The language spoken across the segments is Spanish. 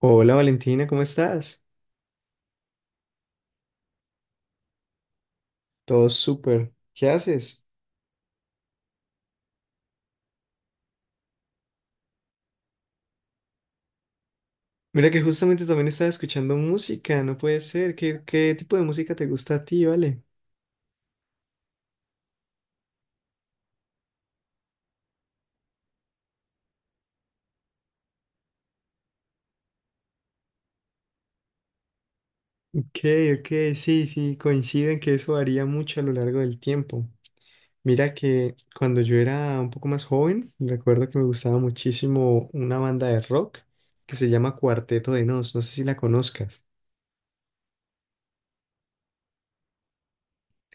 Hola Valentina, ¿cómo estás? Todo súper. ¿Qué haces? Mira que justamente también estaba escuchando música, no puede ser. ¿Qué tipo de música te gusta a ti, vale? Ok, ok, sí, sí, coinciden que eso varía mucho a lo largo del tiempo. Mira que cuando yo era un poco más joven, recuerdo que me gustaba muchísimo una banda de rock que se llama Cuarteto de Nos, no sé si la conozcas.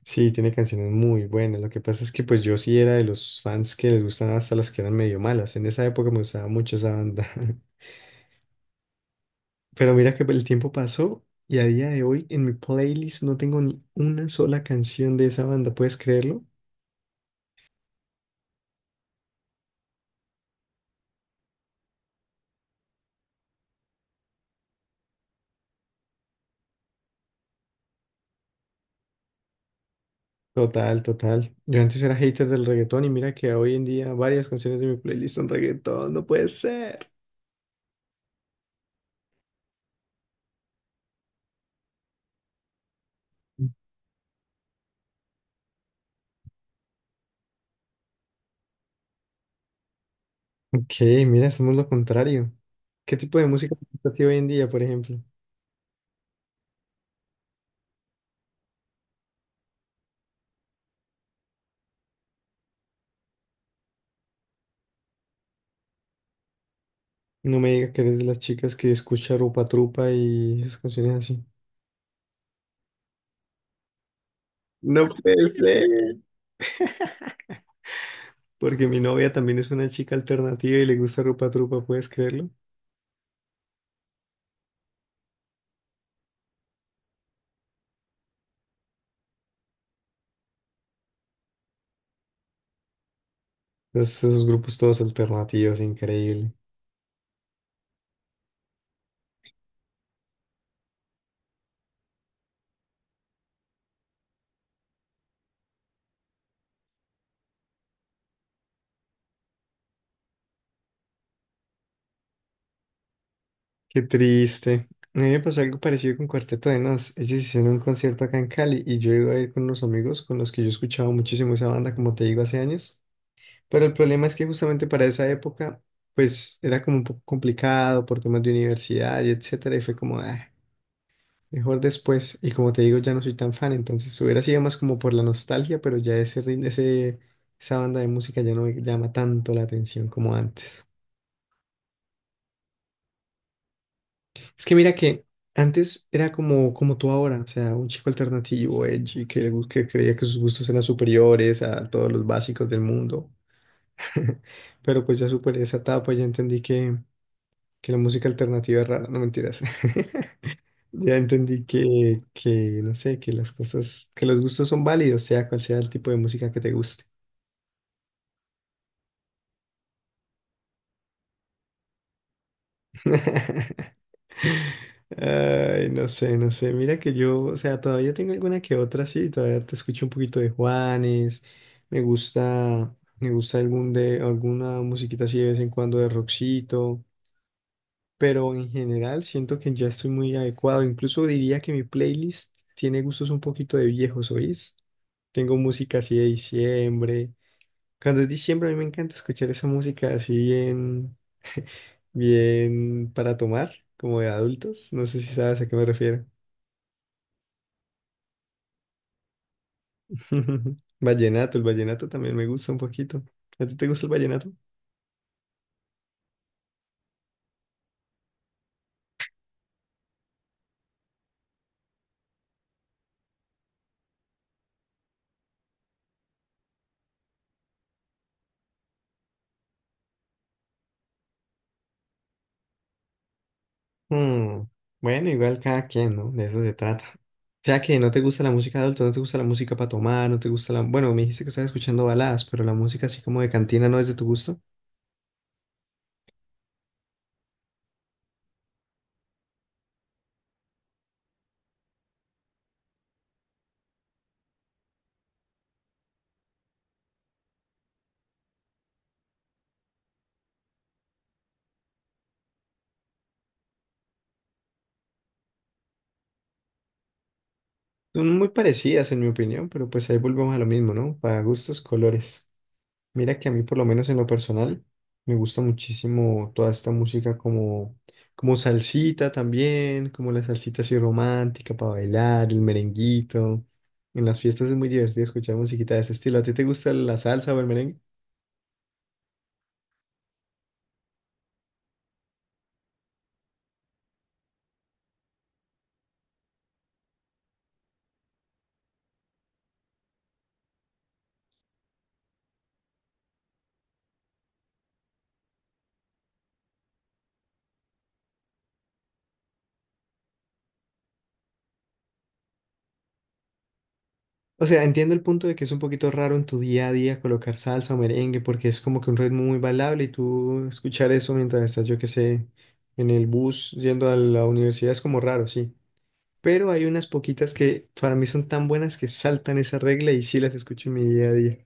Sí, tiene canciones muy buenas. Lo que pasa es que pues yo sí era de los fans que les gustaban hasta las que eran medio malas. En esa época me gustaba mucho esa banda. Pero mira que pues, el tiempo pasó y a día de hoy en mi playlist no tengo ni una sola canción de esa banda. ¿Puedes creerlo? Total, total. Yo antes era hater del reggaetón y mira que hoy en día varias canciones de mi playlist son reggaetón. No puede ser. Ok, mira, somos lo contrario. ¿Qué tipo de música te gusta a ti hoy en día, por ejemplo? No me digas que eres de las chicas que escucha Rupa Trupa y esas canciones así. No puede ser. Porque mi novia también es una chica alternativa y le gusta Rupa Trupa, ¿puedes creerlo? Esos grupos todos alternativos, increíble. Qué triste. A mí me pasó algo parecido con Cuarteto de Nos. Ellos hicieron un concierto acá en Cali y yo iba a ir con unos amigos con los que yo escuchaba muchísimo esa banda, como te digo, hace años. Pero el problema es que justamente para esa época, pues era como un poco complicado por temas de universidad y etcétera, y fue como, "Ah". Mejor después. Y como te digo, ya no soy tan fan, entonces hubiera sido más como por la nostalgia, pero esa banda de música ya no me llama tanto la atención como antes. Es que mira que antes era como, como tú ahora, o sea, un chico alternativo, edgy, que creía que sus gustos eran superiores a todos los básicos del mundo. Pero pues ya superé esa etapa, ya entendí que la música alternativa es rara, no mentiras. Ya entendí que, no sé, que las cosas, que los gustos son válidos, sea cual sea el tipo de música que te guste. Ay, no sé, no sé. Mira que yo, o sea, todavía tengo alguna que otra, sí, todavía te escucho un poquito de Juanes. Me gusta alguna musiquita así de vez en cuando de Roxito. Pero en general siento que ya estoy muy adecuado. Incluso diría que mi playlist tiene gustos un poquito de viejos, ¿oís? Tengo música así de diciembre. Cuando es diciembre, a mí me encanta escuchar esa música así bien, bien para tomar, como de adultos. No sé si sabes a qué me refiero. Vallenato, el vallenato también me gusta un poquito. ¿A ti te gusta el vallenato? Mm, Bueno, igual cada quien, ¿no? De eso se trata. O sea que no te gusta la música de adulto, no te gusta la música para tomar, no te gusta la... Bueno, me dijiste que estabas escuchando baladas, pero la música así como de cantina no es de tu gusto. Son muy parecidas en mi opinión, pero pues ahí volvemos a lo mismo, ¿no? Para gustos, colores. Mira que a mí, por lo menos en lo personal, me gusta muchísimo toda esta música como, como salsita también, como la salsita así romántica para bailar, el merenguito. En las fiestas es muy divertido escuchar musiquita de ese estilo. ¿A ti te gusta la salsa o el merengue? O sea, entiendo el punto de que es un poquito raro en tu día a día colocar salsa o merengue porque es como que un ritmo muy bailable y tú escuchar eso mientras estás, yo qué sé, en el bus yendo a la universidad es como raro, sí. Pero hay unas poquitas que para mí son tan buenas que saltan esa regla y sí las escucho en mi día a día.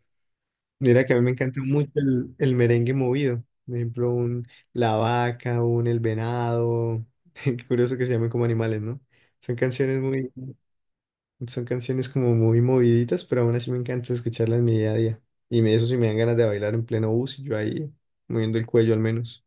Mira que a mí me encanta mucho el merengue movido, por ejemplo, un La Vaca, un El Venado, qué curioso que se llamen como animales, ¿no? Son canciones muy, Son canciones como muy moviditas, pero aún así me encanta escucharlas en mi día a día. Y me, eso sí me dan ganas de bailar en pleno bus y yo ahí moviendo el cuello al menos.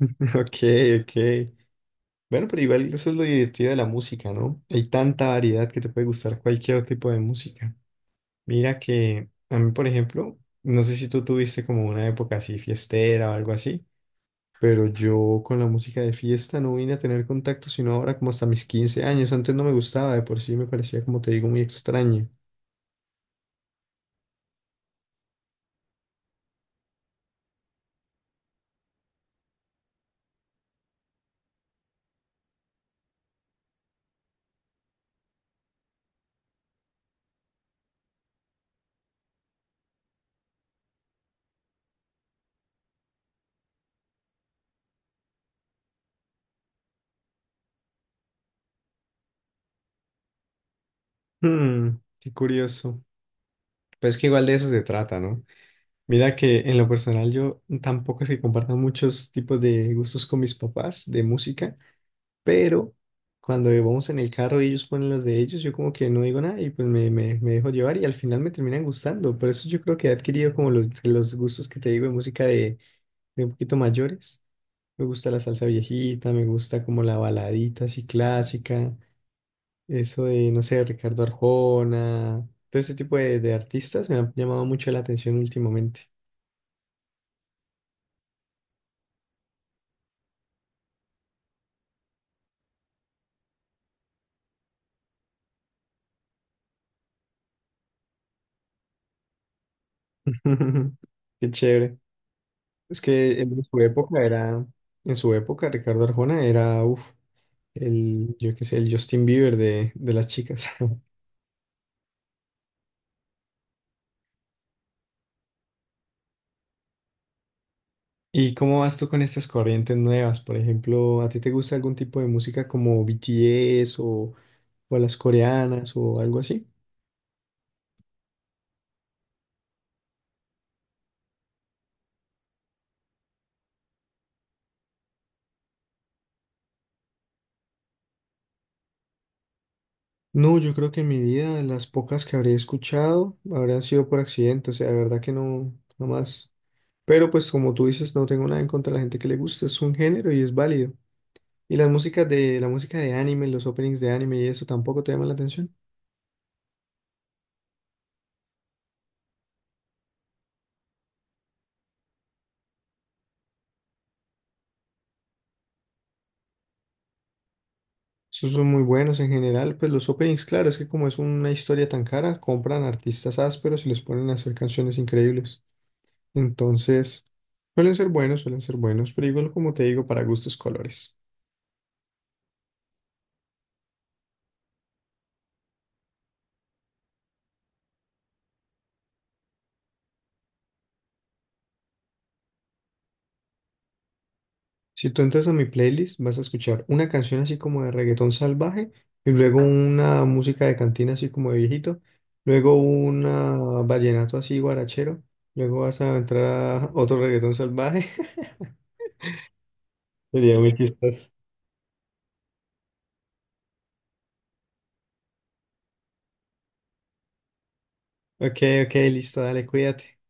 Ok, ok. Bueno, pero igual eso es lo divertido de la música, ¿no? Hay tanta variedad que te puede gustar cualquier tipo de música. Mira que a mí, por ejemplo, no sé si tú tuviste como una época así fiestera o algo así, pero yo con la música de fiesta no vine a tener contacto sino ahora como hasta mis 15 años. Antes no me gustaba, de por sí me parecía, como te digo, muy extraño. Hmm, qué curioso. Pues que igual de eso se trata, ¿no? Mira que en lo personal yo tampoco es que comparta muchos tipos de gustos con mis papás de música. Pero cuando vamos en el carro y ellos ponen las de ellos, yo como que no digo nada y pues me dejo llevar y al final me terminan gustando. Por eso yo creo que he adquirido como los gustos que te digo de música de un poquito mayores. Me gusta la salsa viejita, me gusta como la baladita así clásica, eso de, no sé, Ricardo Arjona, todo ese tipo de artistas me han llamado mucho la atención últimamente. Qué chévere. Es que en su época era, en su época Ricardo Arjona era, uff, el, yo qué sé, el Justin Bieber de las chicas. ¿Y cómo vas tú con estas corrientes nuevas? Por ejemplo, ¿a ti te gusta algún tipo de música como BTS o las coreanas o algo así? No, yo creo que en mi vida las pocas que habré escuchado habrán sido por accidente, o sea, de verdad que no, no más. Pero pues como tú dices, no tengo nada en contra de la gente que le gusta, es un género y es válido. ¿Y las músicas de la música de anime, los openings de anime y eso tampoco te llaman la atención? Esos son muy buenos en general. Pues los openings, claro, es que como es una historia tan cara, compran artistas ásperos y les ponen a hacer canciones increíbles. Entonces, suelen ser buenos, pero igual como te digo, para gustos colores. Si tú entras a mi playlist, vas a escuchar una canción así como de reggaetón salvaje y luego una música de cantina así como de viejito, luego una vallenato así guarachero, luego vas a entrar a otro reggaetón salvaje. Sería muy chistoso. Ok, ok, listo, dale, cuídate.